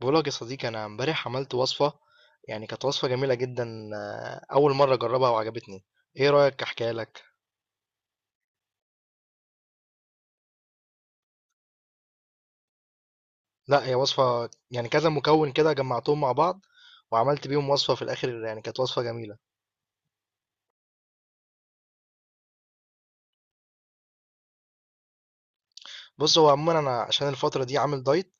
بقولك يا صديقي، انا امبارح عملت وصفه. يعني كانت وصفه جميله جدا. اول مره اجربها وعجبتني. ايه رايك احكيها لك؟ لا، هي وصفه يعني كذا مكون كده جمعتهم مع بعض وعملت بيهم وصفه في الاخر، يعني كانت وصفه جميله. بص، هو عموما انا عشان الفتره دي عامل دايت،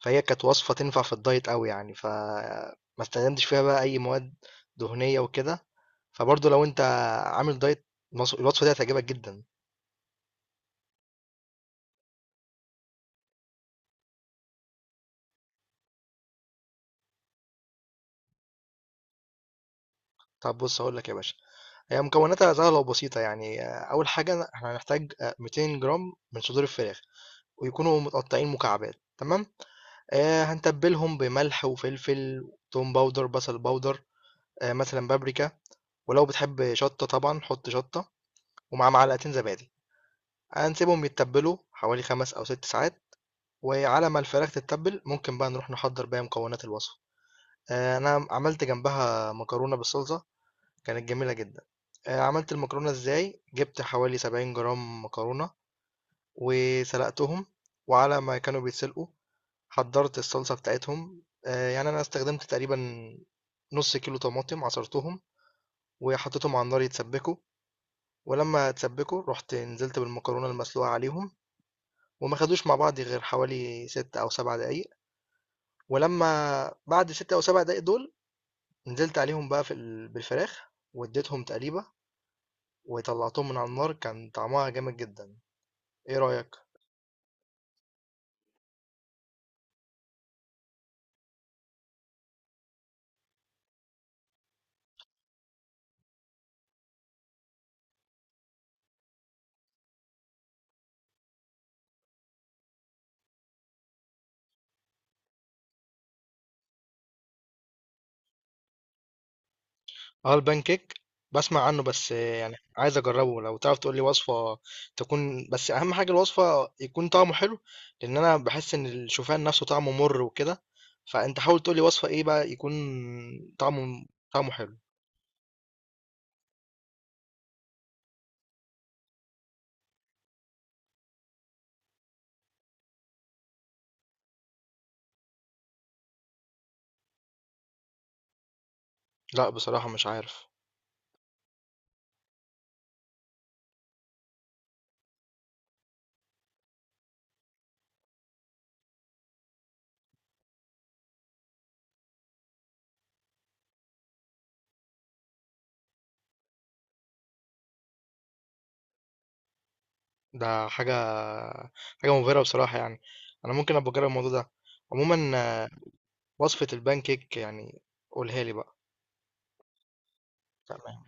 فهي كانت وصفه تنفع في الدايت قوي يعني، فما استخدمتش فيها بقى اي مواد دهنيه وكده. فبرضه لو انت عامل دايت، الوصفه دي هتعجبك جدا. طب بص، هقول لك يا باشا. هي مكوناتها سهلة وبسيطة، يعني أول حاجة احنا هنحتاج 200 جرام من صدور الفراخ، ويكونوا متقطعين مكعبات. تمام، هنتبلهم بملح وفلفل، توم باودر، بصل باودر، مثلا بابريكا، ولو بتحب شطة طبعا حط شطة، ومع معلقتين زبادي. هنسيبهم يتبلوا حوالي 5 أو 6 ساعات. وعلى ما الفراخ تتبل، ممكن بقى نروح نحضر بقى مكونات الوصفة. أنا عملت جنبها مكرونة بالصلصة، كانت جميلة جدًا. عملت المكرونة إزاي؟ جِبت حوالي 70 جرام مكرونة وسلقتهم، وعلى ما كانوا بيتسلقوا حضّرت الصلصة بتاعتهم. يعني أنا استخدمت تقريبًا نُص كيلو طماطم، عصرتهم وحطيتهم على النار يتسبّكوا، ولمّا اتسبّكوا رُحت نزلت بالمكرونة المسلوقة عليهم، وما خدوش مع بعض غير حوالي 6 أو 7 دقايق، ولمّا بعد ال6 أو 7 دقايق دول نزلت عليهم بقى في ال بالفراخ واديتهم تقليبة وطلّعتهم من على النار. كان طعمها جامد جدًا. ايه رأيك؟ اه، البان كيك بسمع عنه، بس يعني عايز اجربه. لو تعرف تقول لي وصفة تكون، بس اهم حاجة الوصفة يكون طعمه حلو، لان انا بحس ان الشوفان نفسه طعمه مر وكده. فانت حاول تقول لي وصفة ايه بقى يكون طعمه طعمه حلو. لا، بصراحة مش عارف. ده حاجة مبهرة بصراحة يعني. انا ممكن ابقى اجرب الموضوع ده عموما. وصفة البان كيك يعني، قولها لي بقى. تمام.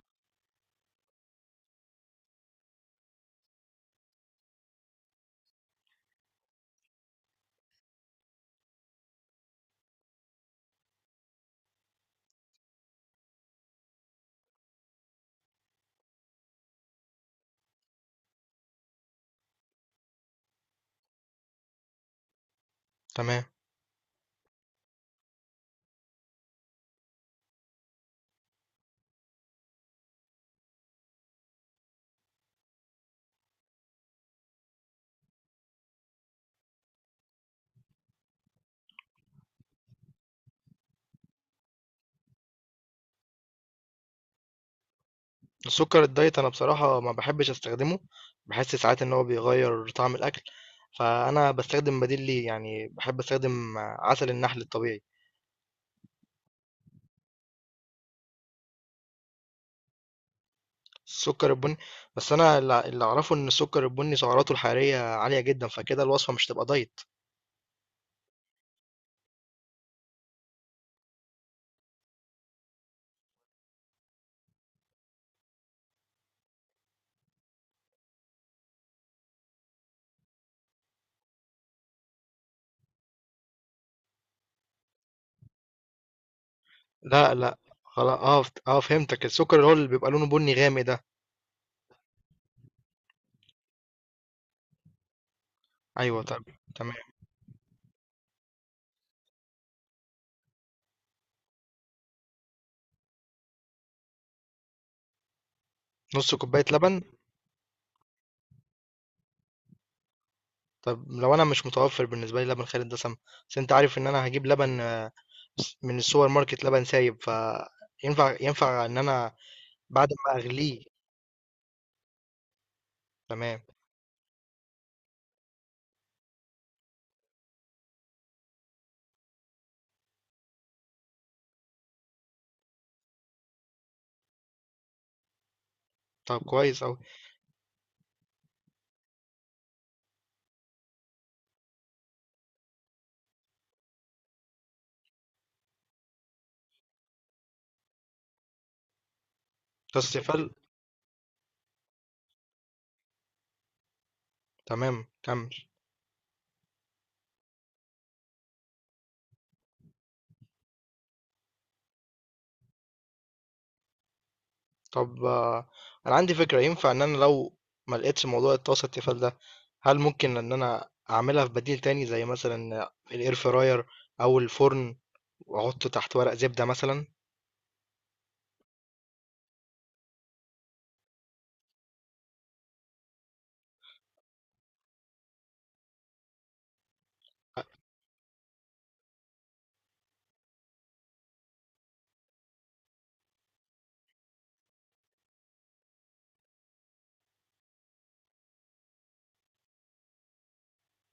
تمام. السكر الدايت انا بصراحة ما بحبش استخدمه، بحس ساعات ان هو بيغير طعم الاكل، فانا بستخدم بديل ليه، يعني بحب استخدم عسل النحل الطبيعي. السكر البني؟ بس انا اللي اعرفه ان السكر البني سعراته الحرارية عالية جدا، فكده الوصفة مش تبقى دايت. لا، لا. خلاص، اه فهمتك، السكر اللي هو اللي بيبقى لونه بني غامق ده. ايوه، طب. تمام. نص كوباية لبن؟ طب لو انا مش متوفر بالنسبه لي لبن خالي الدسم، بس انت عارف ان انا هجيب لبن من السوبر ماركت لبن سايب، فينفع ينفع ان انا بعد ما اغليه؟ تمام. طب كويس اوي. كاستفال؟ تمام، كمل. طب انا عندي فكره. ينفع ان انا لو ما لقيتش موضوع الطاسه التيفال ده، هل ممكن ان انا اعملها في بديل تاني زي مثلا الاير فراير او الفرن، واحط تحت ورق زبده مثلا؟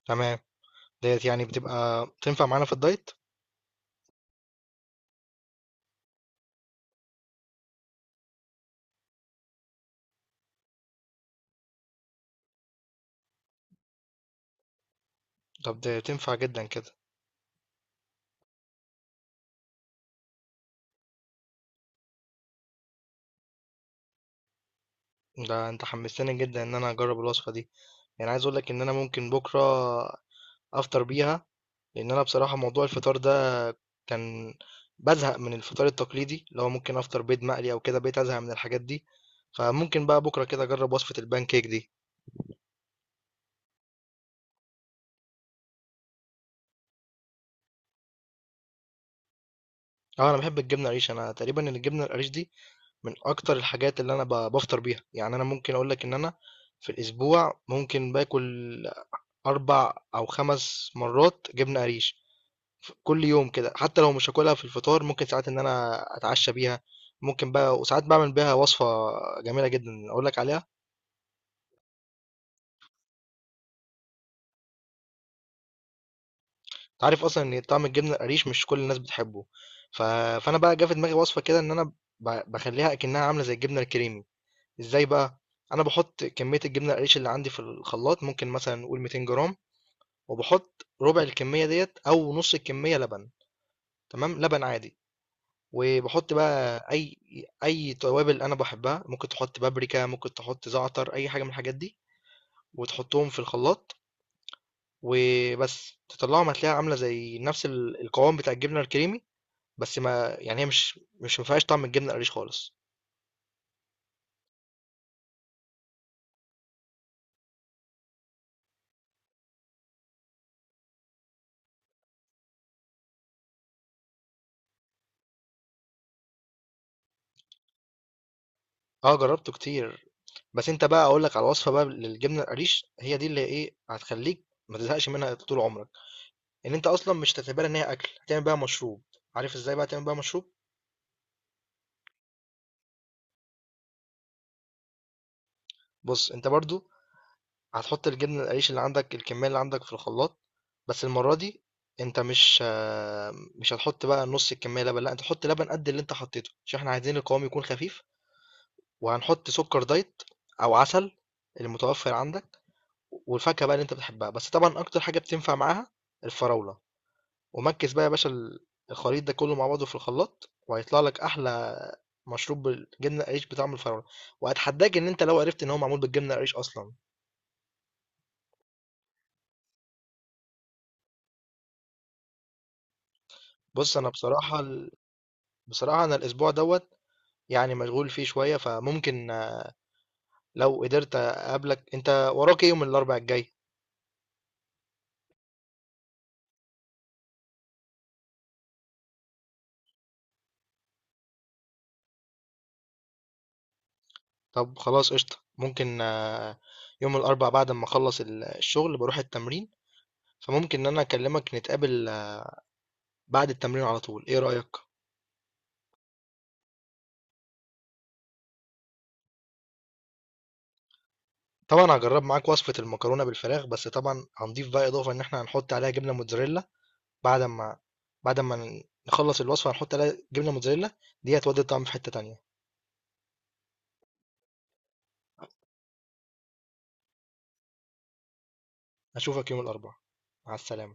تمام. ديت يعني بتبقى تنفع معانا في الدايت؟ طب ده تنفع جدا كده. ده انت حمستني جدا ان انا اجرب الوصفه دي. يعني عايز اقول لك ان انا ممكن بكره افطر بيها، لان انا بصراحه موضوع الفطار ده كان بزهق من الفطار التقليدي، اللي هو ممكن افطر بيض مقلي او كده، بقيت ازهق من الحاجات دي. فممكن بقى بكره كده اجرب وصفه البان كيك دي. اه، انا بحب الجبنه القريش. انا تقريبا الجبنه القريش دي من اكتر الحاجات اللي انا بفطر بيها. يعني انا ممكن اقول لك ان انا في الاسبوع ممكن باكل 4 او 5 مرات جبنه قريش ف كل يوم كده. حتى لو مش هاكلها في الفطار، ممكن ساعات إن أنا أتعشى بيها. ممكن بقى، وساعات باعمل بيها وصفة جميلة جدًا أقول لك عليها. أنت عارف أصلًا إن طعم الجبنة القريش مش كل الناس بتحبه. ف فأنا بقى جه في دماغي وصفة كده إن أنا باخلّيها أكنها عاملة زي الجبنة الكريمي. إزاي بقى؟ أنا باحط كمية الجبنة القريش اللي عندي في الخلاط، ممكن مثلًا نقول 200 جرام، وباحط ربع الكمية ديّة أو نص الكمية لبن، تمام. لبن عادي. وبحط بقى اي توابل انا بحبها، ممكن تحط بابريكا، ممكن تحط زعتر، اي حاجه من الحاجات دي، وتحطهم في الخلاط. وبس تطلعهم هتلاقيها عامله زي نفس القوام بتاع الجبنه الكريمي، بس ما يعني هي مش ما فيهاش طعم الجبنه القريش خالص. اه، جربته كتير. بس انت بقى اقول لك على وصفه بقى للجبنه القريش، هي دي اللي ايه هتخليك ما تزهقش منها طول عمرك. ان انت اصلا مش هتعتبرها ان هي اكل، هتعمل بيها مشروب. عارف ازاي بقى تعمل بيها مشروب؟ بص، انت برضو هتحط الجبنة القريش اللي عندك، الكمية اللي عندك، في الخلاط، بس المرة دي انت مش هتحط بقى نص الكمية لبن. لا، انت تحط لبن قد اللي انت حطيته، عشان احنا عايزين القوام يكون خفيف. وهنحط سكر دايت او عسل، المتوفر عندك، والفاكهة بقى اللي انت بتحبها. بس طبعا اكتر حاجة بتنفع معاها الفراولة. ومكس بقى يا باشا الخليط ده كله مع بعضه في الخلاط، وهيطلع لك احلى مشروب بالجبنة القريش بطعم الفراولة، واتحداك ان انت لو عرفت ان هو معمول بالجبنة القريش اصلا. بص، انا بصراحة أنا الأسبوع دوت يعني مشغول فيه شوية. فممكن لو قدرت أقابلك. أنت وراك إيه يوم الأربع الجاي؟ طب خلاص، قشطة. ممكن يوم الأربع بعد ما أخلص الشغل بروح التمرين، فممكن إن أنا أكلمك نتقابل بعد التمرين على طول. إيه رأيك؟ طبعا هجرب معاك وصفة المكرونة بالفراخ، بس طبعا هنضيف بقى إضافة إن إحنا هنحط عليها جبنة موتزاريلا. بعد ما بعد ما نخلص الوصفة هنحط عليها جبنة موتزاريلا، دي هتودي الطعم في حتة تانية. أشوفك يوم الأربع. مع السلامة.